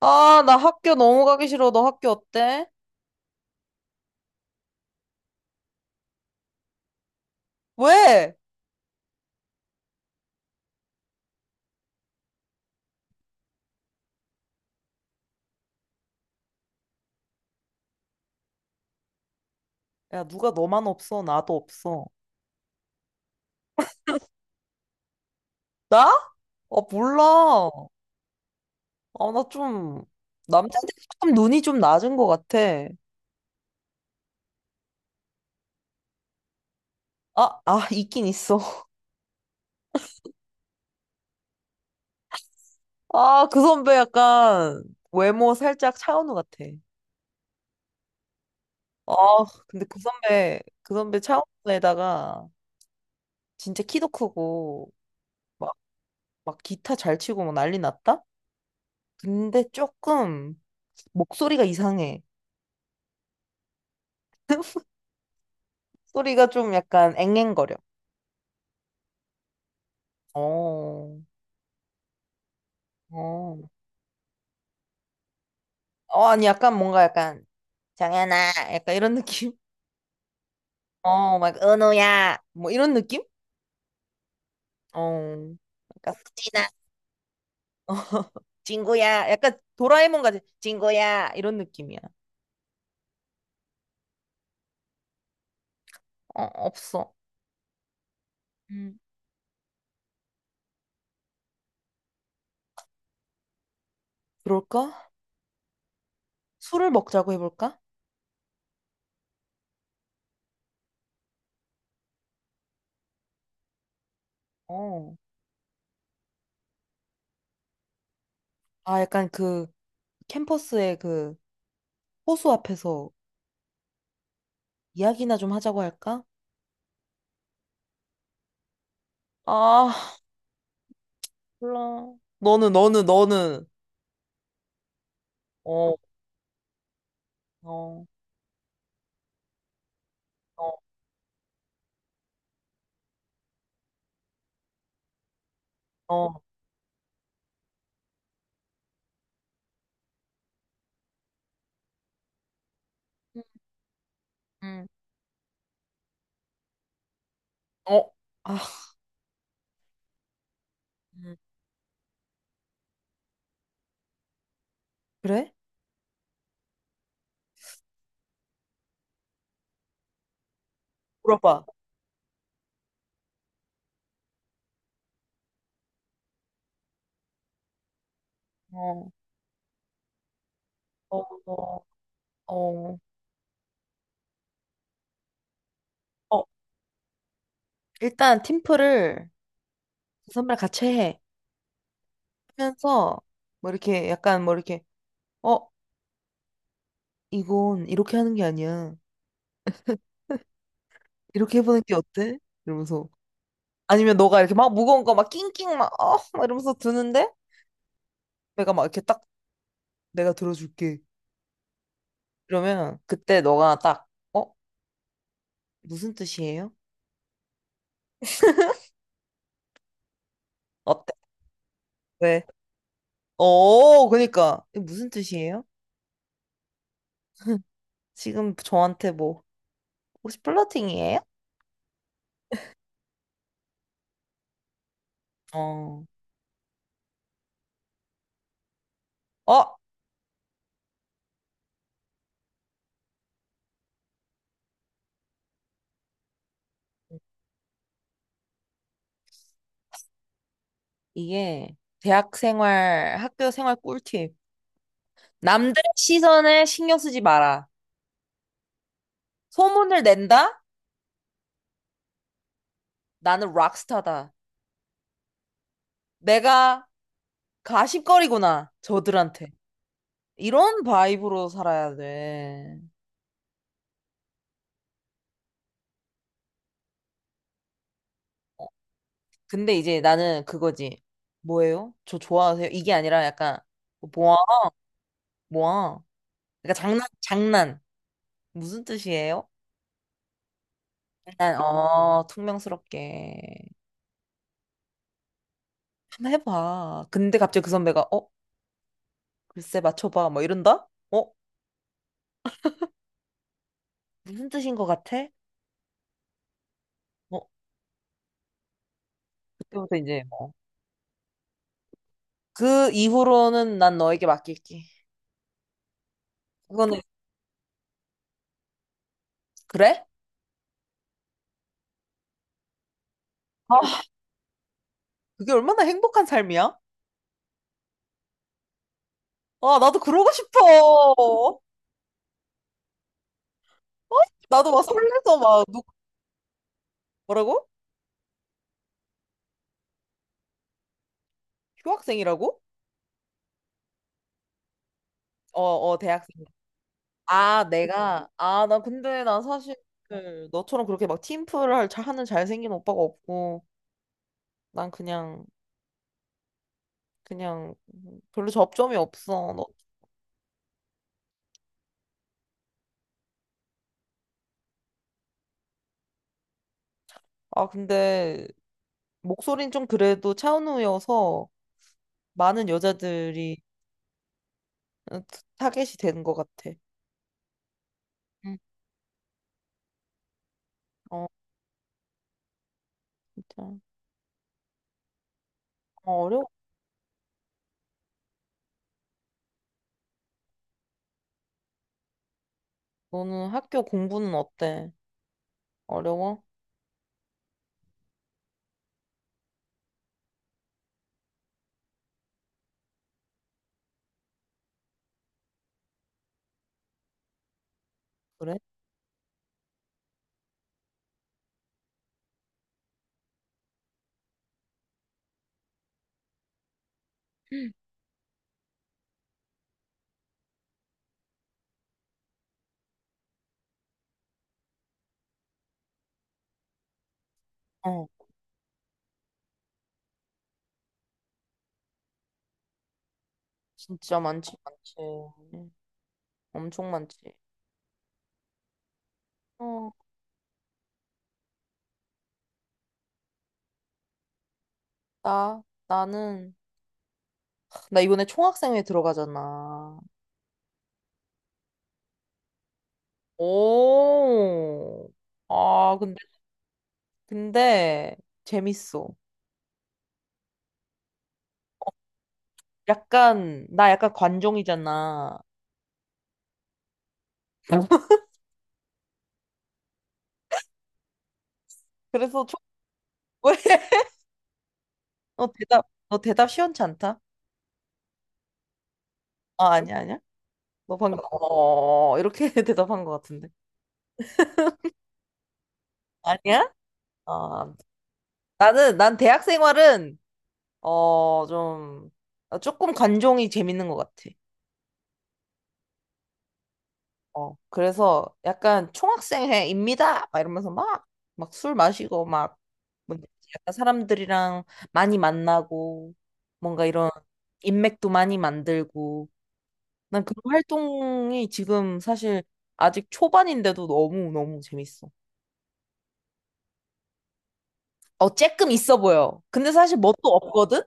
아, 나 학교 너무 가기 싫어. 너 학교 어때? 왜? 야, 누가 너만 없어? 나도 없어. 나? 아, 몰라. 아, 나 좀, 남자들 조금 눈이 좀 낮은 것 같아. 있긴 있어. 그 선배 약간 외모 살짝 차은우 같아. 아, 근데 그 선배 차은우에다가 진짜 키도 크고, 막, 막 기타 잘 치고 막 난리 났다? 근데 조금 목소리가 이상해. 소리가 좀 약간 앵앵거려. 어, 어. 어, 아니, 정연아, 약간 이런 느낌? 어, 막, 은우야, 뭐 이런 느낌? 어, 약간, 수진아, 어, 친구야, 약간 도라에몽 같은, 친구야, 이런 느낌이야. 어, 없어. 음, 그럴까? 술을 먹자고 해볼까? 어. 아, 약간 그, 캠퍼스의 호수 앞에서 이야기나 좀 하자고 할까? 아, 몰라. 너는. 어, 어, 어, 어, 음, 음, 어, 아, 음. 그래? 물어봐. 어, 어, 어, 어. 어, 일단 팀플을 그 선배랑 같이 해. 하면서, 뭐 이렇게, 어, 이건 이렇게 하는 게 아니야. 이렇게 해보는 게 어때? 이러면서. 아니면 너가 이렇게 막 무거운 거 막 낑낑 막, 어, 막 이러면서 드는데, 내가 막 이렇게 딱 내가 들어줄게. 그러면 그때 너가 딱, 어, 무슨 뜻이에요? 어때? 왜? 어, 그니까. 이게 무슨 뜻이에요? 지금 저한테 뭐, 혹시 플러팅이에요? 어, 어, 이게 학교 생활 꿀팁. 남들의 시선에 신경 쓰지 마라. 소문을 낸다? 나는 락스타다. 내가 가십거리구나. 저들한테. 이런 바이브로 살아야 돼. 어, 근데 이제 나는 그거지. 뭐예요? 저 좋아하세요? 이게 아니라 약간, 뭐야? 뭐야? 그러니까 장난. 무슨 뜻이에요? 난, 어 퉁명스럽게 한번 해봐. 근데 갑자기 그 선배가 어 글쎄 맞춰봐 뭐 이런다? 어 무슨 뜻인 것 같아? 어 그때부터 이제 뭐. 그 이후로는 난 너에게 맡길게. 그거는 그래? 아 그게 얼마나 행복한 삶이야? 아 나도 그러고 싶어. 어? 나도 막 설레서 막 누, 뭐라고? 휴학생이라고? 어어 대학생. 아 내가 아 나 근데 나 사실 그 너처럼 그렇게 막 잘 하는 잘생긴 오빠가 없고 난 그냥 별로 접점이 없어. 너- 아, 근데 목소리는 좀 그래도 차은우여서 많은 여자들이 타겟이 되는 것 같아. 응. 어, 진짜. 어, 어려워. 너는 학교 공부는 어때? 어려워? 그래? 어, 많지. 응, 엄청 많지. 어, 나, 나는, 나 이번에 총학생회 들어가잖아. 오. 아, 근데, 근데, 재밌어. 약간 나 약간 관종이잖아. 그래서 좀 왜? 너 대답 시원치 않다. 아니야. 너 방금 어 이렇게 대답한 것 같은데. 아니야? 아 나는 난 대학 생활은 어좀 아, 조금 관종이 재밌는 것 같아. 어 그래서 약간 총학생회입니다. 막 이러면서 막 막 술 마시고 막 뭔지 알지? 약간 사람들이랑 많이 만나고 뭔가 이런 인맥도 많이 만들고. 난 그 활동이 지금 사실 아직 초반인데도 너무너무 재밌어. 어, 쬐끔 있어 보여. 근데 사실 뭣도 없거든?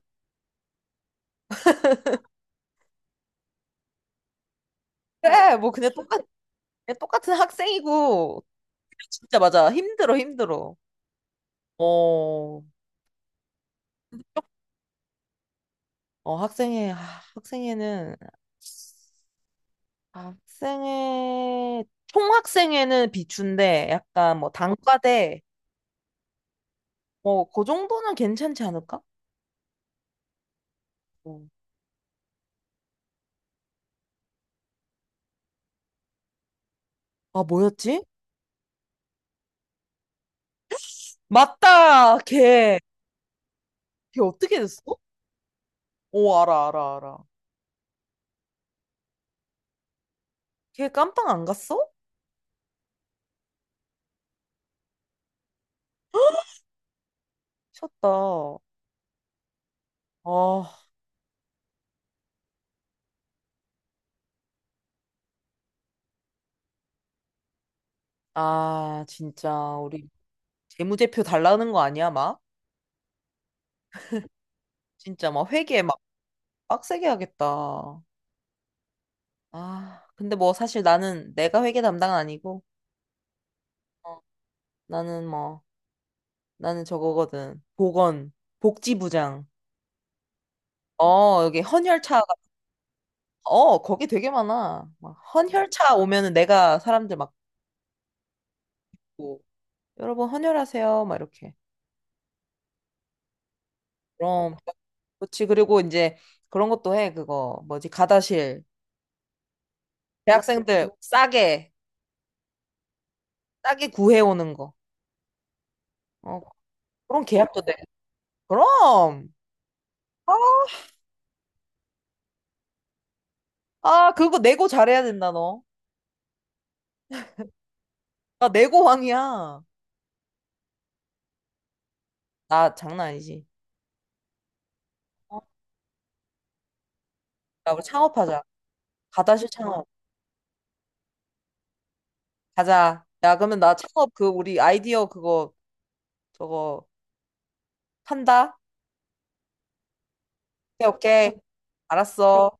그래, 뭐 그냥 똑같, 그냥 똑같은 학생이고. 진짜 맞아. 힘들어, 힘들어. 어, 어, 학생회는, 총학생회는 비추인데 약간 뭐 단과대, 뭐, 그 정도는 괜찮지 않을까? 어. 아, 뭐였지? 맞다! 걔 어떻게 됐어? 오, 알아. 걔 깜빵 안 갔어? 미쳤다. 아, 진짜, 우리 재무제표 달라는 거 아니야, 막? 진짜 막 회계 막 빡세게 하겠다. 아, 근데 뭐 사실 나는 내가 회계 담당은 아니고, 어, 나는 뭐, 나는 저거거든. 보건, 복지부장. 어, 여기 헌혈차, 어, 거기 되게 많아. 막 헌혈차 오면은 내가 사람들 막, 보고, 여러분 헌혈하세요, 막 이렇게. 그럼 그렇지 그리고 이제 그런 것도 해 그거 뭐지 가다실 대학생들 싸게 구해오는 거 어, 그런 계약도 돼 그럼 아, 아 그거 내고 잘해야 된다 너 나 내고 왕이야 나 장난 아니지 어, 야 우리 창업하자 가다실 창업 가자 야 그러면 나 창업 그 우리 아이디어 그거 저거 판다 오케이 알았어